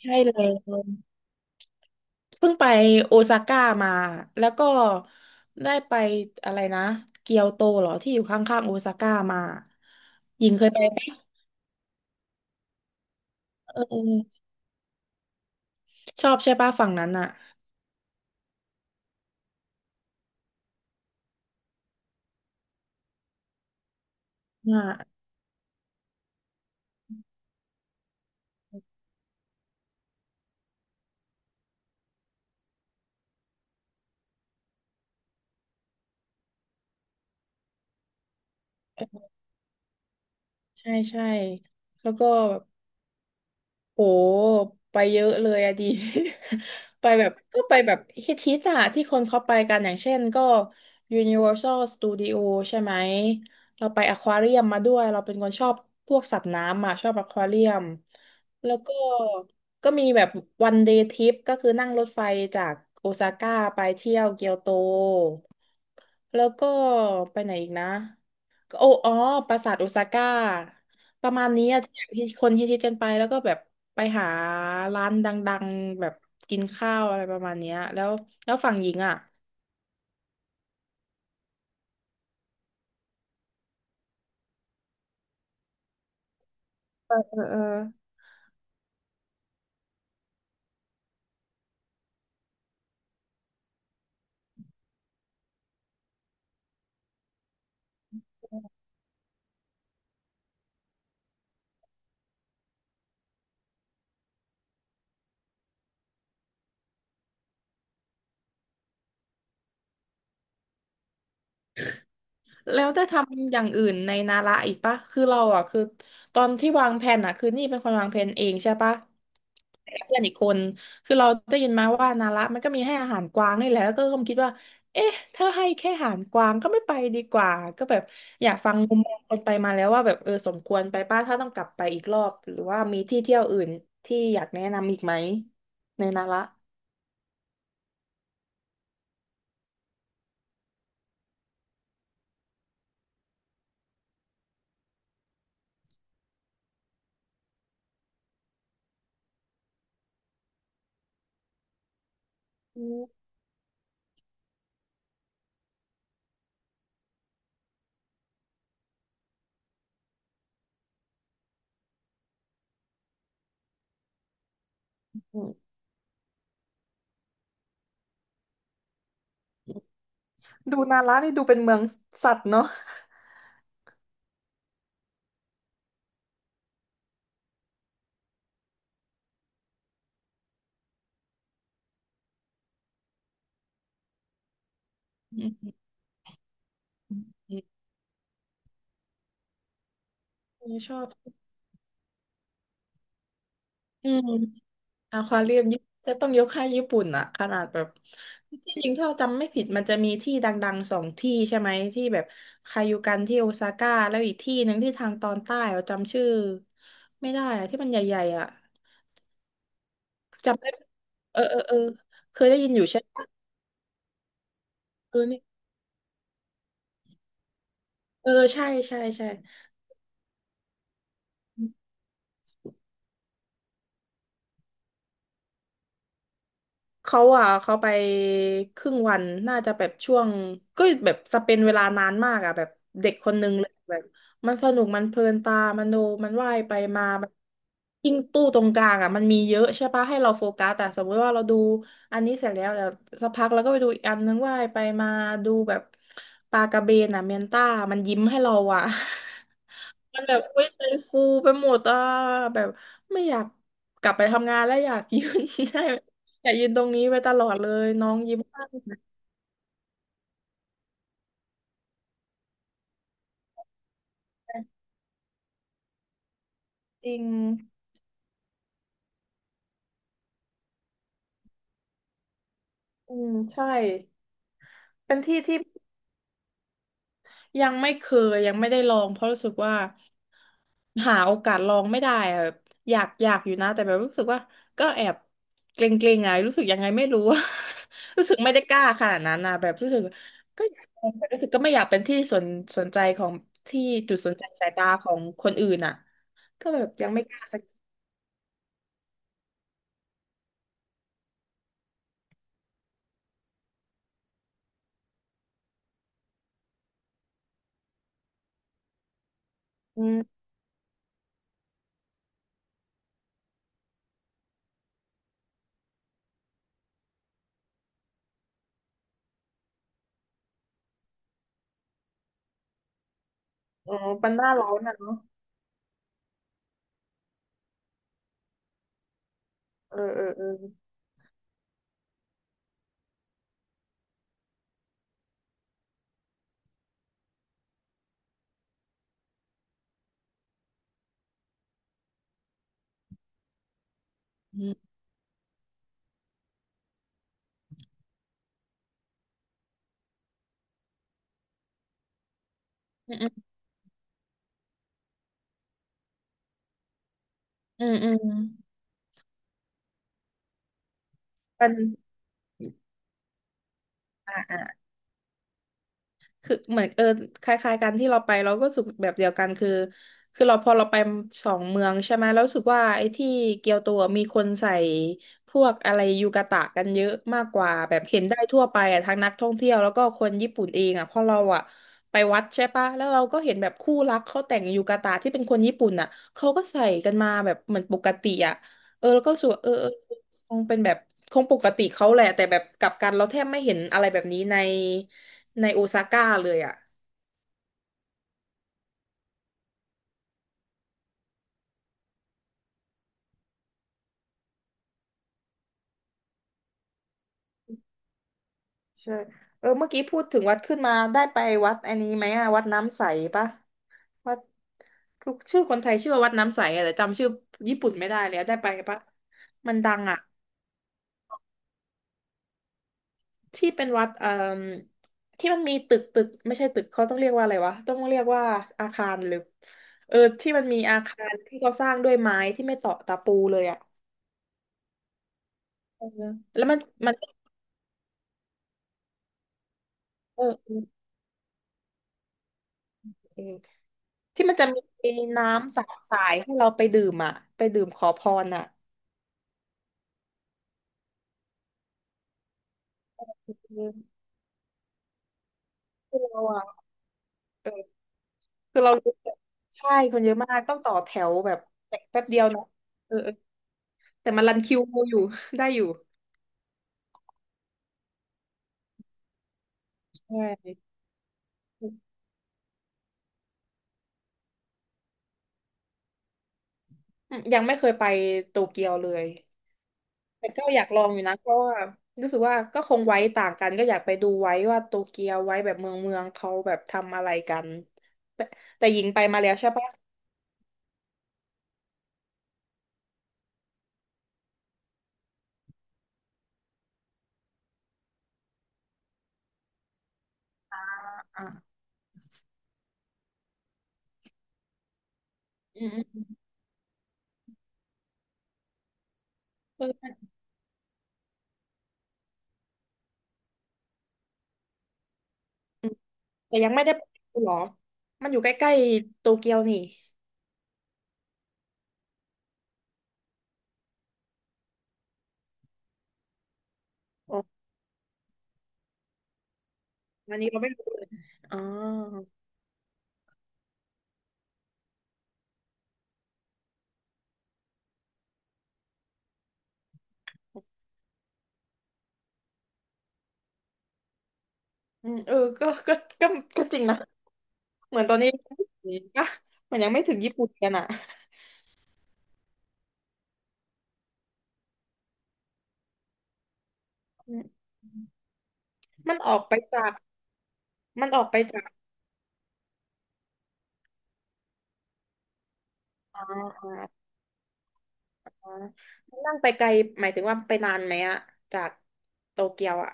ใช่เลยเพิ่งไปโอซาก้ามาแล้วก็ได้ไปอะไรนะเกียวโตเหรอที่อยู่ข้างๆโอซาก้ามาหญิงเคยไปปะเออชอบใช่ปะฝั่งนั้นอ่ะอ่าใช่ใช่แล้วก็ โหไปเยอะเลยอะดี ไปแบบก็ไปแบบฮิตอะที่คนเขาไปกันอย่างเช่นก็ Universal Studio ใช่ไหม เราไปอควาเรียมมาด้วยเราเป็นคนชอบพวกสัตว์น้ำอะชอบอควาเรียม แล้วก็ก็มีแบบวันเดย์ทริปก็คือนั่งรถไฟจากโอซาก้าไปเที่ยวเกียวโต แล้วก็ไปไหนอีกนะ โอ้อ๋อปราสาทโอซาก้าประมาณนี้อะที่คนฮิตๆกันไปแล้วก็แบบไปหาร้านดังๆแบบกินข้าวอะไรประมาณเนี้ยแล้วแล้วฝั่งหญิงอ่ะเออเออเออ แล้วได้ทำอย่างอื่นในนาระอีกปะคือเราอ่ะคือตอนที่วางแผนอ่ะคือนี่เป็นคนวางแผนเองใช่ปะกับเพื่อนอีกคนคือเราได้ยินมาว่านาระมันก็มีให้อาหารกวางนี่แหละแล้วก็เคิดว่าเอ๊ะถ้าให้แค่อาหารกวางก็ไม่ไปดีกว่าก็แบบอยากฟังมุมมองคนไปมาแล้วว่าแบบเออสมควรไปป้าถ้าต้องกลับไปอีกรอบหรือว่ามีที่เที่ยวอื่นที่อยากแนะนำอีกไหมในนาระอืมดูนาระนี่ดูเป็นเมืองสัตว์เนาะอืมอมอืมชอบ อืมอควาเรียมจะต้องยกให้ญี่ปุ่นอะขนาดแบบที่จริงถ้าจำไม่ผิดมันจะมีที่ดังๆสองที่ใช่ไหมที่แบบคายูกันที่โอซาก้าแล้วอีกที่หนึ่งที่ทางตอนใต้เราจำชื่อไม่ได้อะที่มันใหญ่ๆอะจำได้เออเออเออเคยได้ยินอยู่ใช่ปะเออเนี่ยเออใช่ใช่ใช่ เขาอ่ะเขาไปครึ่งวันน่าจะแบบช่วงก็แบบสเปนเวลานานมากอ่ะแบบเด็กคนนึงเลยแบบมันสนุกมันเพลินตามันดูมันว่ายไปมาแบบยิ่งตู้ตรงกลางอ่ะมันมีเยอะใช่ปะให้เราโฟกัสแต่สมมติว่าเราดูอันนี้เสร็จแล้วเดี๋ยวสักพักเราก็ไปดูอีกอันนึงว่ายไปมาดูแบบปลากระเบนอ่ะเมียนต้ามันยิ้มให้เราอ่ะ มันแบบอุ้ยใจฟูไปหมดอ่ะแบบไม่อยากกลับไปทำงานแล้วอยาก ยืน ได้ อย่ายืนตรงนี้ไปตลอดเลยน้องยิ้มมากจริงอืมใช่เป็นที่ที่ยังไม่เคยยังไม่ได้ลองเพราะรู้สึกว่าหาโอกาสลองไม่ได้อะแบบอยากอยู่นะแต่แบบรู้สึกว่าก็แอบเกรงๆอะรู้สึกยังไงไม่รู้ รู้สึกไม่ได้กล้าขนาดนั้นนะแบบรู้สึกก็อยากลองแต่รู้สึกไม่อยากเป็นที่สนใจของที่จุดสนใจสายตาของคนอื่นอ่ะก็แบบยังไม่กล้าสักทีอืมอ๋อปันหน้าร้อนอ่ะเนาะเออเออเออ อืมอืมอืมอืมมันอ่าอ่า คือเหมือนเออคล้ายๆกันที่เราไปเราก็รู้สึกแบบเดียวกันคือคือเราพอเราไปสองเมืองใช่ไหมแล้วรู้สึกว่าไอ้ที่เกียวโตอะมีคนใส่พวกอะไรยูกาตะกันเยอะมากกว่าแบบเห็นได้ทั่วไปอ่ะทั้งนักท่องเที่ยวแล้วก็คนญี่ปุ่นเองอ่ะเพอเราอ่ะไปวัดใช่ปะแล้วเราก็เห็นแบบคู่รักเขาแต่งยูกาตะที่เป็นคนญี่ปุ่นอ่ะเขาก็ใส่กันมาแบบเหมือนปกติอ่ะเออแล้วก็รู้สึกว่าเออเออคงเป็นแบบคงปกติเขาแหละแต่แบบกลับกันเราแทบไม่เห็นอะไรแบบนี้ใน ในโอซาก้าเลยอ่ะใช่เออเมื่อกี้พูดถึงวัดขึ้นมาได้ไปวัดอันนี้ไหมอะวัดน้ำใสปะวัดคือชื่อคนไทยชื่อว่าวัดน้ำใสอะแต่จำชื่อญี่ปุ่นไม่ได้เลยอะได้ไปปะมันดังอะที่เป็นวัดที่มันมีตึกไม่ใช่ตึกเขาต้องเรียกว่าอะไรวะต้องเรียกว่าอาคารหรือเออที่มันมีอาคารที่เขาสร้างด้วยไม้ที่ไม่ต่อตะปูเลยอะเออแล้วมันเออเออ ที่มันจะมีน้ำสาสายให้เราไปดื่มอ่ะไปดื่มขอพรอ่ะคือคือเราอ่ะเออคือเรารู้แต่ใช่คนเยอะมากต้องต่อแถวแบบแป๊บเดียวนะเออเออแต่มันรันคิวอยู่ ได้อยู่ใช่อืมยังไม่เคยไปโตเกียวเลยแต่ก็อยากลองอยู่นะเพราะว่ารู้สึกว่าก็คงไว้ต่างกันก็อยากไปดูไว้ว่าโตเกียวไว้แบบเมืองเขาแบบทำอะไรกันแต่หญิงไปมาแล้วใช่ปะอ่ะอืมอืมเออ แต่ยังไม่ได้ไปดูหรอ มันอยู่ใกล้ๆโตเกียวนี่อ๋ออันนี้เราไม่รู้เลยอ๋ออืมเออก็ก็จริงนะเหมือนตอนนี้อ่ะมันยังไม่ถึงญี่ปุ่นกันอ่ะอืมมันออกไปจาก มันออกไปจากอ่าอ่าอ่ามันนั่งไปไกลหมายถึงว่าไปนานไหมอะจากโตเกียวอะ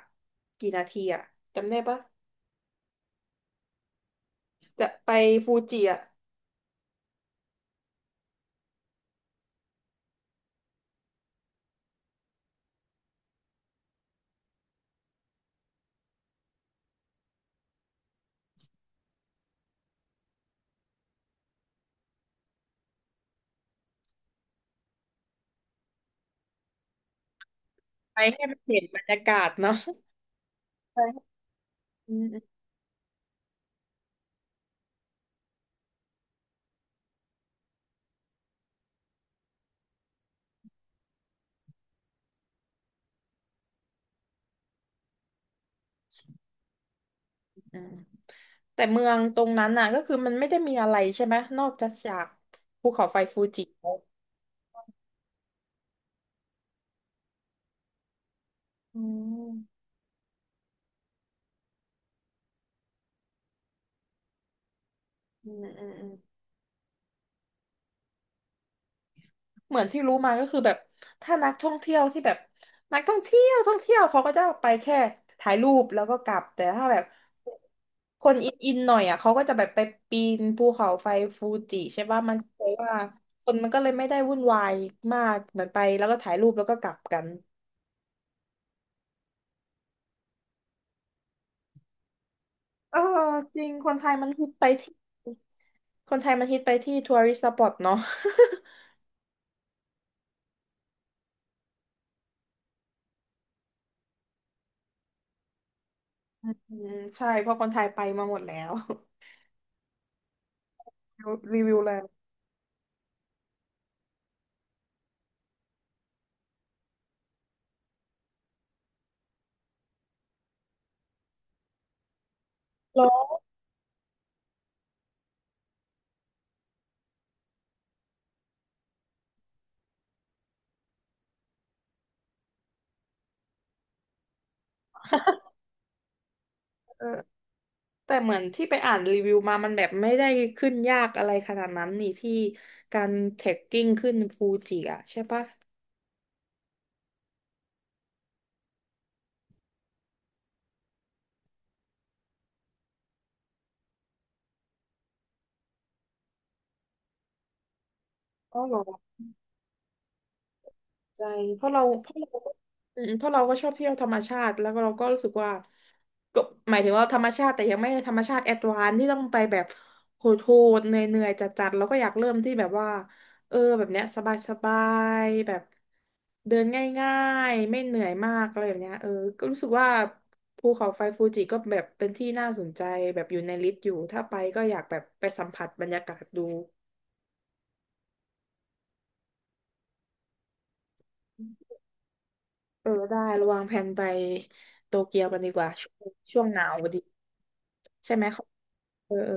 กี่นาทีอะจำได้ปะจะไปฟูจิอะไปให้มันเห็นบรรยากาศเนาะใช่ อืมแต่เมืองตรงนั้นน่ะก็คือมันไม่ได้มีอะไรใช่ไหมนอกจากภูเขาไฟฟูจิแล้วอืมอืมเหมือนที่รู้มาก็คือแบบถ้านักท่องเที่ยวที่แบบนักท่องเที่ยวเขาก็จะไปแค่ถ่ายรูปแล้วก็กลับแต่ถ้าแบบคนอินหน่อยอ่ะเขาก็จะแบบไปปีนภูเขาไฟฟูจิใช่ป่ะมันก็เลยว่าคนมันก็เลยไม่ได้วุ่นวายมากเหมือนไปแล้วก็ถ่ายรูปแล้วก็กลับกัน เออจริงคนไทยมันฮิตไปที่คนไทยมันฮิตไปที่ทัวริสต์สปอตเนาะ อืมใช่เพราะคนไทยไปมาหมดแล้วรีวิวแล้วแล้วเออแต่เหมือนที่ไปอ่านรีวิวมามันแบบไม่ได้ขึ้นยากอะไรขนาดนั้นนี่ที่การเทรคกิ้งขึ้นฟูจิอะใช่ปะอ๋อเหรอใจเพราะเราก็อืมเพราะเราก็ชอบเที่ยวธรรมชาติแล้วก็เราก็รู้สึกว่า ก็หมายถึงว่าธรรมชาติแต่ยังไม่ธรรมชาติแอดวานซ์ที่ต้องไปแบบโหดๆเหนื่อยๆจัดๆแล้วก็อยากเริ่มที่แบบว่าเออแบบเนี้ยสบายๆแบบเดินง่ายๆไม่เหนื่อยมากอะไรแบบเนี้ยเออก็รู้สึกว่าภูเขาไฟฟูจิก็แบบเป็นที่น่าสนใจแบบอยู่ในลิสต์อยู่ถ้าไปก็อยากแบบไปสัมผัสบรรยากาศดูเออได้ระวางแผนไปโตเกียวกันดีกว่าช่วงหนาวพอดีใช่ไหมเขาเออเออ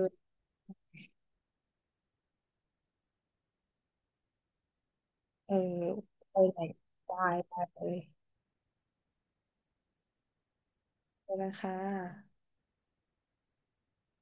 เออไปไหนได้ได้เลย ขอบคุณนะค่ะ